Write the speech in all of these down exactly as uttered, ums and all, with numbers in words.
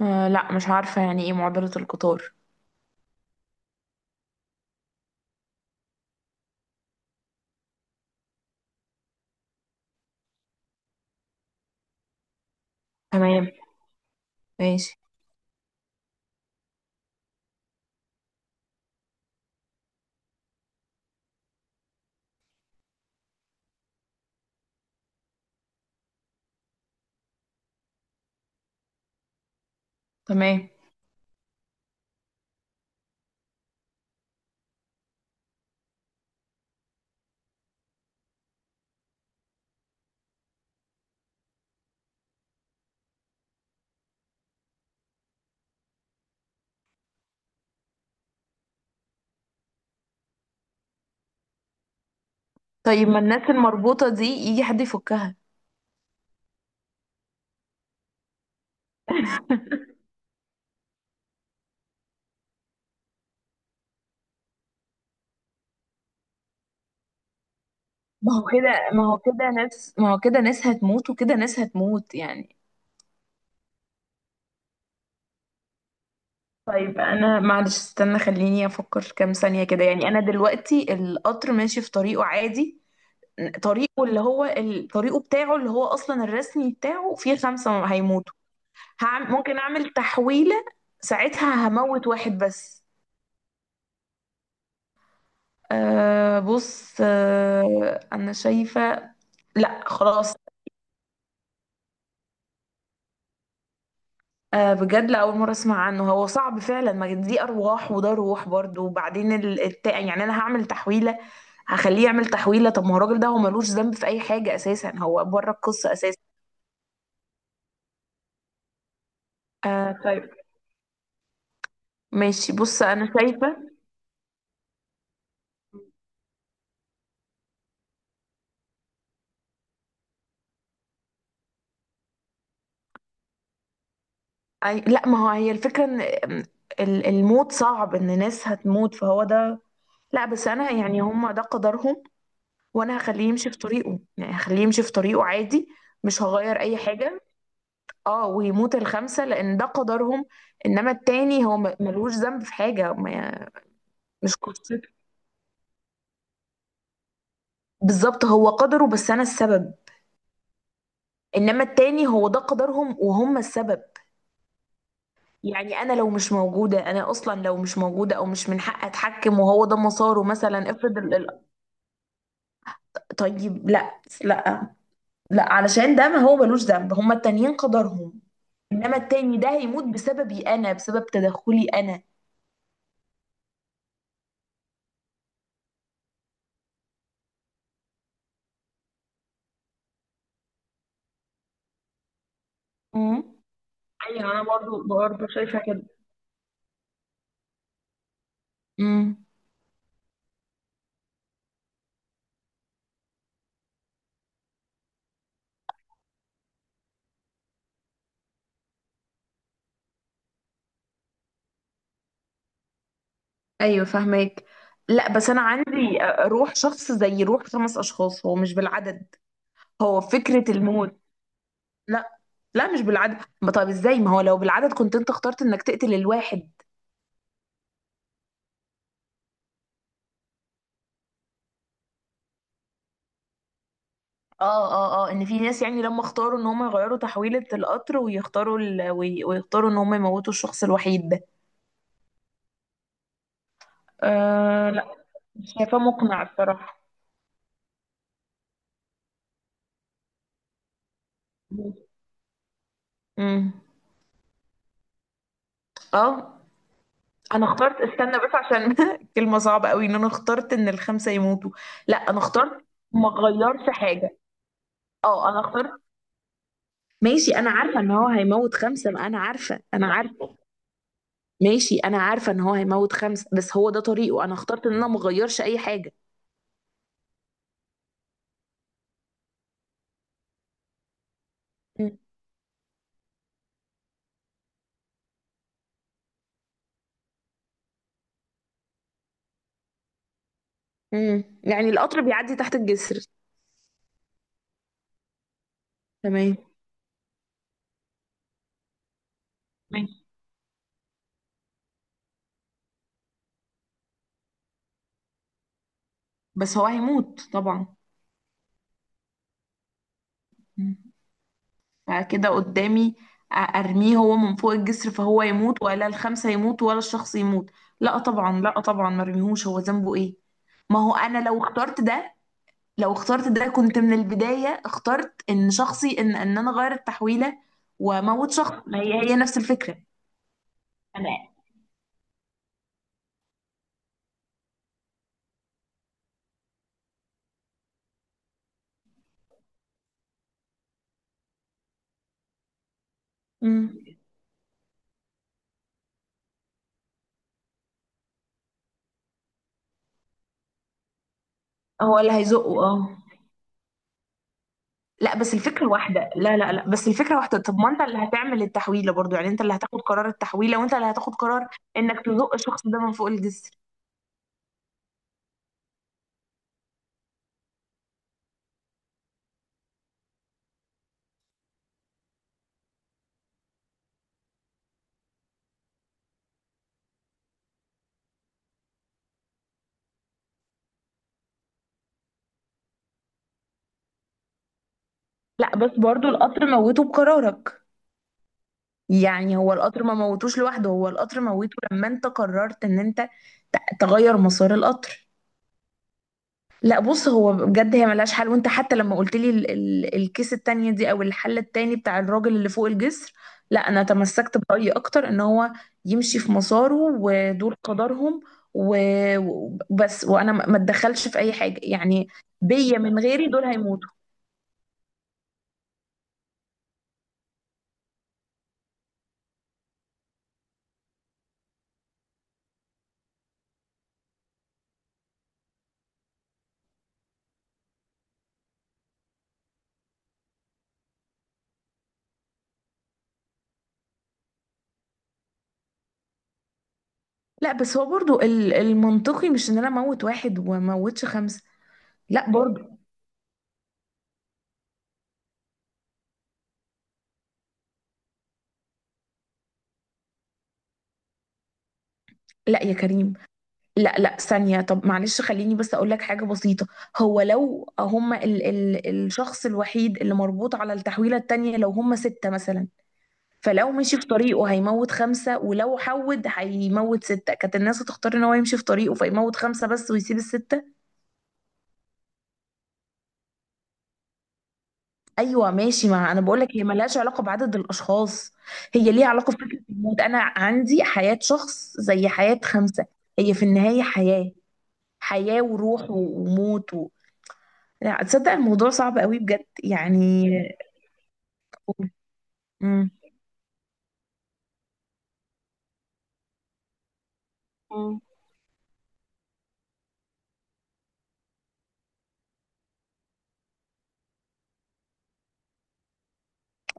آه، لا، مش عارفة يعني ايه معضلة القطار؟ تمام. ماشي. تمام. طيب، ما الناس المربوطة دي يجي حد يفكها؟ ما هو كده ما هو كده ناس ما هو كده ناس هتموت وكده ناس هتموت يعني. طيب، انا معلش، استنى خليني افكر كام ثانية كده يعني، انا دلوقتي القطر ماشي في طريقه عادي. طريقه اللي هو ال- طريقه بتاعه اللي هو اصلا الرسمي بتاعه، فيه خمسة هيموتوا. هعم... ممكن اعمل تحويلة. ساعتها هموت واحد بس. أه، بص، أه انا شايفة. لا، خلاص. أه، بجد لأول مرة اسمع عنه، هو صعب فعلا، ما دي ارواح وده روح برضو، وبعدين ال- التا... يعني انا هعمل تحويلة. هخليه يعمل تحويلة. طب ما هو الراجل ده هو ملوش ذنب في اي حاجة اساسا، هو بره القصة اساسا. آه، طيب. ماشي، بص، انا شايفه. أي... لا، ما هو هي الفكره ان ال- الموت صعب ان ناس هتموت، فهو ده. لا، بس انا يعني هم ده قدرهم. وانا هخليه يمشي في طريقه، يعني هخليه يمشي في طريقه عادي. مش هغير اي حاجه. اه، ويموت الخمسه لان ده قدرهم. انما التاني هو م- ملوش ذنب في حاجه ما. مش قصته. بالظبط، هو قدره بس انا السبب. انما التاني هو ده قدرهم وهم السبب. يعني انا لو مش موجوده، انا اصلا لو مش موجوده او مش من حق اتحكم، وهو ده مساره مثلا، افرض ال... ال- طيب، لا، لا. لا علشان ده، ما هو ملوش ذنب، هما التانيين قدرهم. انما التاني ده هيموت بسببي انا، بسبب تدخلي انا. امم. ايوه، انا برضو برضو شايفه كده. امم. ايوه، فاهماك. لا، بس انا عندي روح شخص زي روح خمس اشخاص، هو مش بالعدد. هو فكرة الموت. لا. لا، مش بالعدد، ما طب ازاي؟ ما هو لو بالعدد كنت انت اخترت انك تقتل الواحد. اه، اه، اه، ان في ناس يعني لما اختاروا ان هم يغيروا تحويلة القطر، ويختاروا ال... وي... ويختاروا ان هم يموتوا الشخص الوحيد ده. أه، لا، مش شايفاه مقنع الصراحة. امم. اه، انا اخترت، استنى بس عشان كلمة صعبة قوي ان انا اخترت ان الخمسة يموتوا. لا، انا اخترت. ما غيرش حاجة. اه، انا اخترت. ماشي، انا عارفة ان هو هيموت خمسة، ما انا عارفة، انا عارفة. ماشي، انا عارفة ان هو هيموت خمسة، بس هو ده طريقه، انا اخترت ان انا مغيرش اي حاجة. مم. امم، يعني القطر بيعدي تحت الجسر. تمام. ماشي، بس هو هيموت طبعا. مم. فكده قدامي، أ- ارميه هو من فوق الجسر فهو يموت، ولا الخمسة يموتوا، ولا الشخص يموت؟ لا طبعا، لا طبعا، ما ارميهوش، هو ذنبه ايه؟ ما هو انا لو اخترت ده، لو اخترت ده كنت من البداية اخترت ان شخصي، ان ان انا غير التحويلة. واموت شخص، ما هي هي نفس الفكرة. انا. مم. هو اللي هيزقه، اه. لا، بس الفكرة واحدة، لا، لا، لا، بس الفكرة واحدة، طب ما انت اللي هتعمل التحويلة برضو يعني، انت اللي هتاخد قرار التحويلة وانت اللي هتاخد قرار انك تزق الشخص ده من فوق الجسر. لا، بس برضو القطر موته بقرارك. يعني هو القطر ما موتوش لوحده، هو القطر موته لما انت قررت ان انت ت- تغير مسار القطر. لا بص، هو بجد هي ملهاش حل، وانت حتى لما قلت لي ال ال الكيس التانية دي، او الحل التاني بتاع الراجل اللي فوق الجسر، لا، انا تمسكت برأيي اكتر ان هو يمشي في مساره ودول قدرهم. و- وبس، وانا ما ما اتدخلش في اي حاجة يعني. بيا، من غيري دول هيموتوا. لا، بس هو برضو ال- المنطقي مش ان انا اموت واحد وموتش خمسه. لا برضو. لا يا كريم. لا، لا، ثانيه، طب معلش خليني بس اقول لك حاجه بسيطه. هو لو هم ال ال الشخص الوحيد اللي مربوط على التحويله التانيه، لو هم سته مثلا، فلو مشي في طريقه هيموت خمسه، ولو حود هيموت سته، كانت الناس هتختار ان هو يمشي في طريقه فيموت خمسه بس، ويسيب السته. ايوه ماشي، ما انا بقول لك هي ملهاش علاقه بعدد الاشخاص. هي ليها علاقه بفكره الموت، انا عندي حياه شخص زي حياه خمسه. هي في النهايه حياه، حياه وروح وموت و... لا تصدق الموضوع صعب قوي بجد يعني. امم. مم.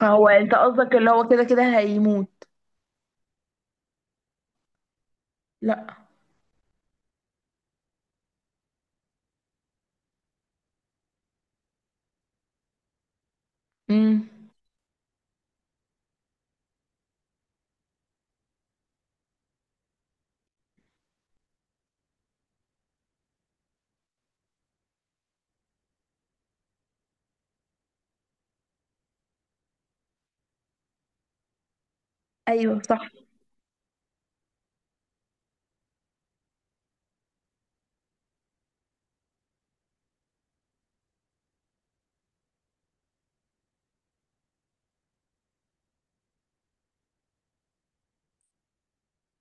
فهو انت قصدك اللي هو كده كده هيموت؟ لا. امم. ايوه صح.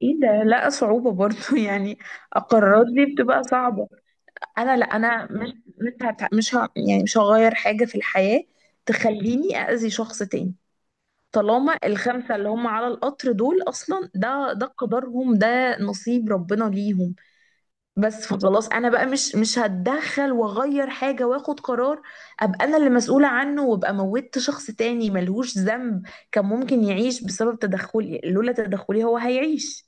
ايه ده، لا، صعوبه برضو يعني. القرارات دي بتبقى صعبه. انا لا، انا مش مش هت- مش ه... يعني مش هغير حاجه في الحياه، تخليني اذي شخص تاني. طالما الخمسه اللي هم على القطر دول اصلا، ده ده قدرهم، ده نصيب ربنا ليهم. بس فخلاص، انا بقى مش مش هتدخل واغير حاجه واخد قرار، ابقى انا اللي مسؤوله عنه، وابقى موتت شخص تاني ملهوش ذنب. كان ممكن يعيش بسبب تدخلي، لولا تدخلي هو هيعيش.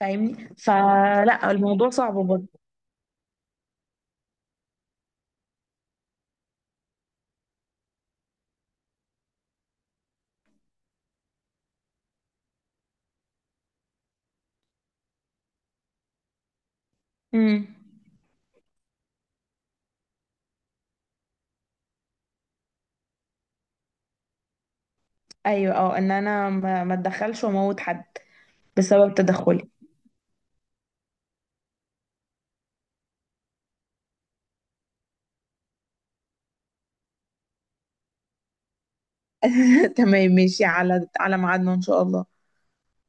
فاهمني؟ فلا، الموضوع صعب برضه. امم. ايوه، اه، ان انا ما ما اتدخلش واموت حد بسبب تدخلي. تمام ماشي، على على ميعادنا ان شاء الله.